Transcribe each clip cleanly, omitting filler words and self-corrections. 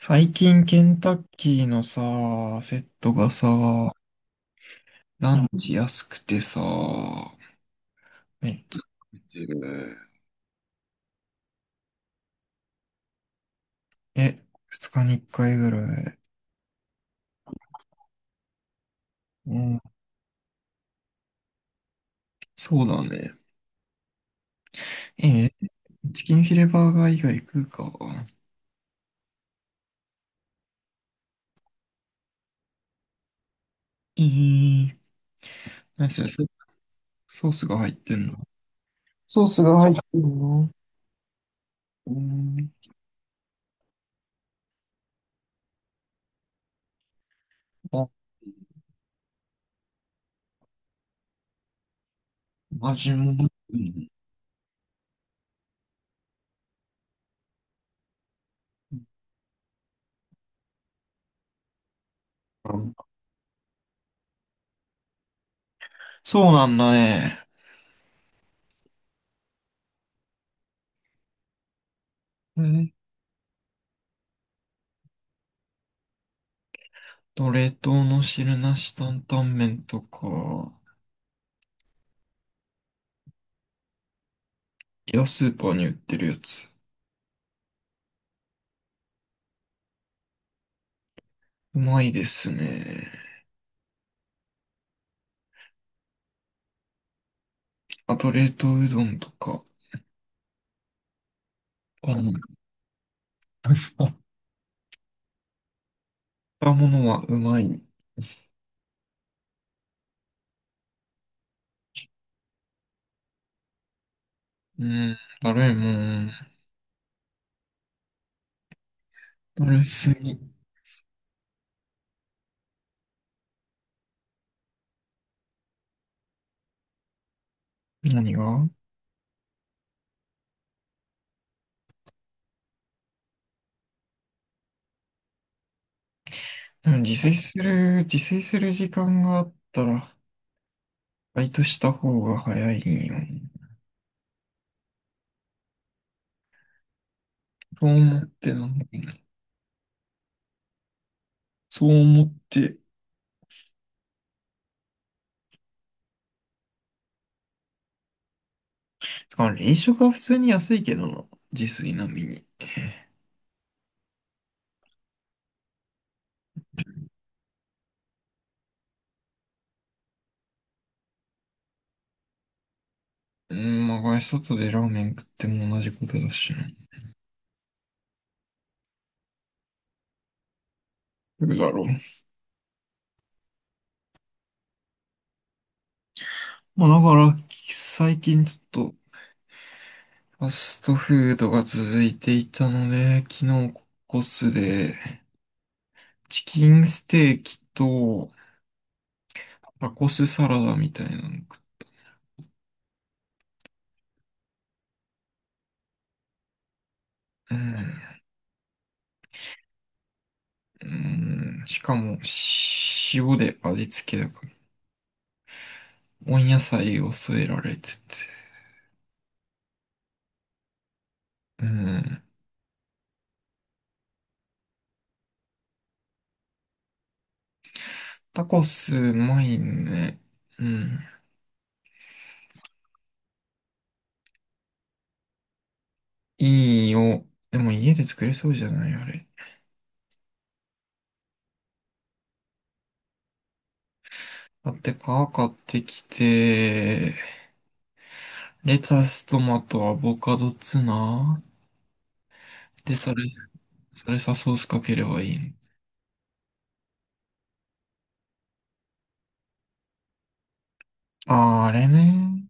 最近ケンタッキーのさ、セットがさ、ランチ安くてさ、めっちゃ食べてる。え、二日に一回ぐらい。うん、そうだね。え、チキンフィレバーガー以外食うか。えー、何それ、ソースが入ってんの？ソースが入ってるの？うん、あ、味も。うん、そうなんだね。え冷凍の汁なし担々麺とか、いや、スーパーに売ってるやつ。うまいですね。あと、冷凍うどんとか、あの、買ったものはうまい。うん、だるいもん。だるすぎ。何が？でも自炊する時間があったら、バイトした方が早いよ。そう思ってな。そう思って。つか、冷食は普通に安いけどな。自炊並みに。うん、まあ、これ外でラーメン食っても同じことだしな。どうだろう。まあ、だから、最近ちょっと、ファストフードが続いていたので、昨日コスで、チキンステーキと、タコスサラダみたいなの食っうん、うん、しかも、塩で味付けだから、温野菜を添えられてて。うん、タコスうまいね。うん、いいよ。でも家で作れそうじゃない？あれ。買って皮買ってきて、レタス、トマト、アボカド、ツナ。で、それ、それさ、ソースかければいいの？あー、あれね。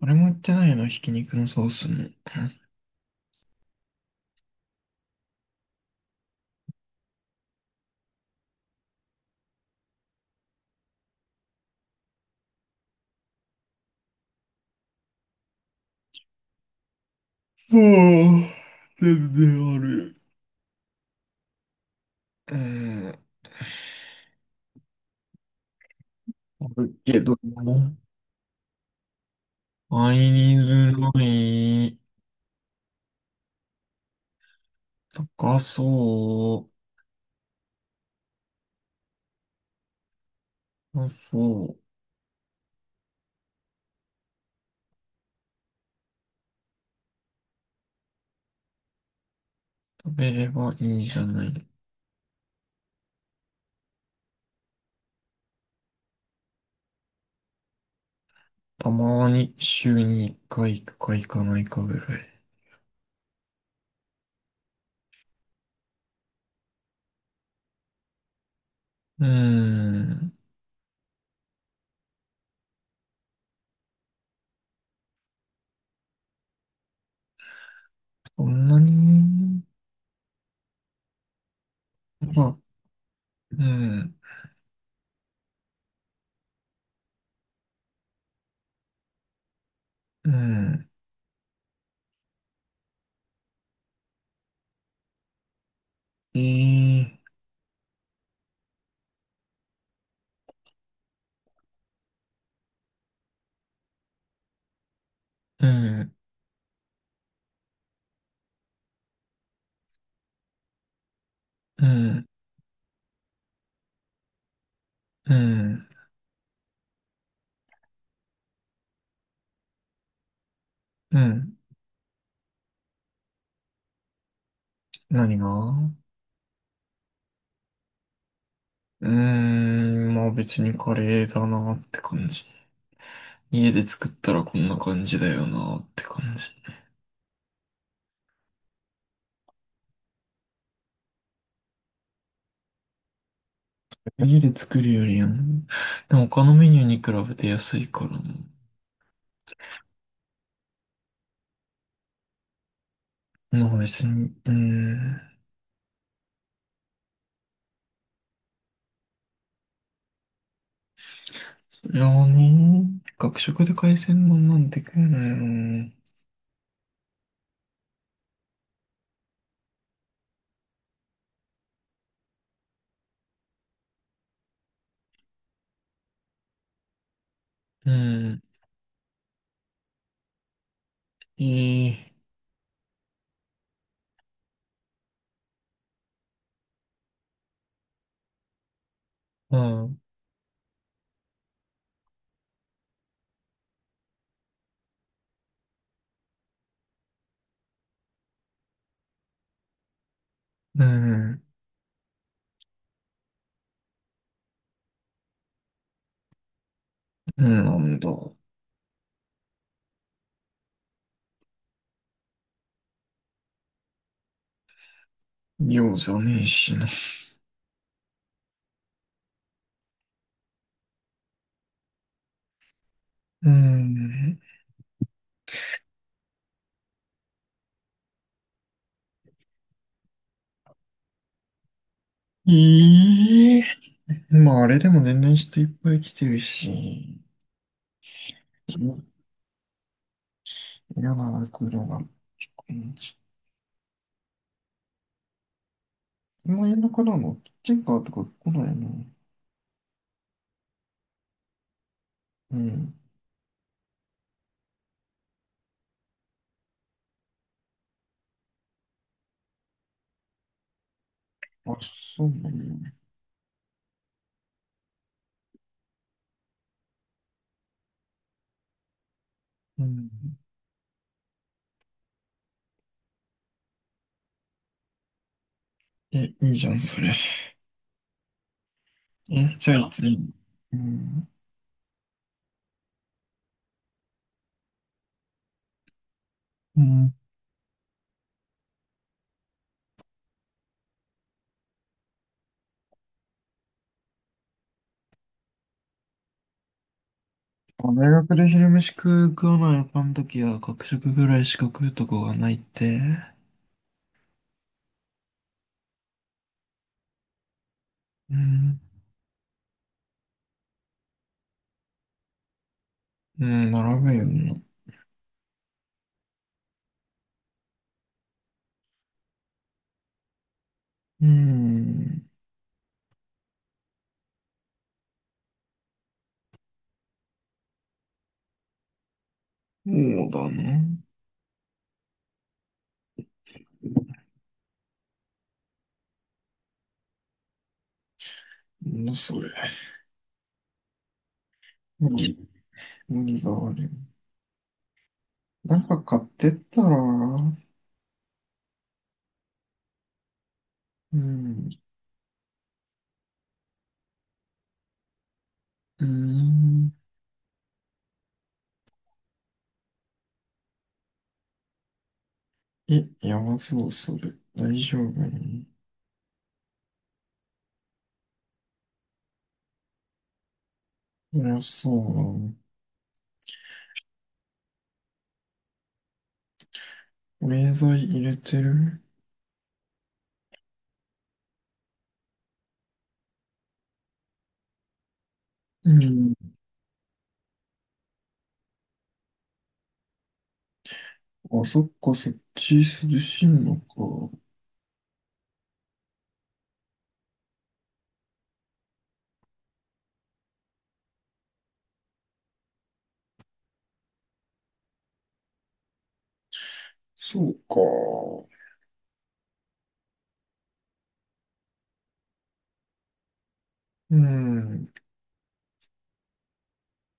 あれも言ってないの、ひき肉のソースも。ああ、全然ある。うん。あるけども。買いズづらい。高そう。高そう。食べればいいじゃない。たまに週に1回行くか行かないかぐらい。うーん。そんなに、まあ、うん、うん、ええ、うん、うん、うん、うん、何が？うーん、まあ別にカレーだなって感じ。家で作ったらこんな感じだよなって感じ。家で作るよりやん。でも他のメニューに比べて安いからな。まあ別に、うーん。いやーねー、学食で海鮮丼なんて食えないよな。うん、いい、うん。うん。なんだ。ようじゃねえしな。うん。ええ、まあ、あれでも年々人いっぱい来てるし。嫌だな、これな。今夜中だの、キッチンカーとか来ないな。うん。あ、そうなんだ。うん。え、いいじゃん、それ。え、じゃあいつに。うん。うん。大学で昼飯食う食わないあかんときは、学食ぐらいしか食うとこがないって。うん。うん、並べよな。うん、そうだな。なんだそれ。無理、無理がある。なんか買ってったら、うん、うん。え、やばそう、それ。大丈夫に？そりゃそうだな。保冷剤入れてる？うん。あ、そっか、そっち涼しいのか。そうか。うん。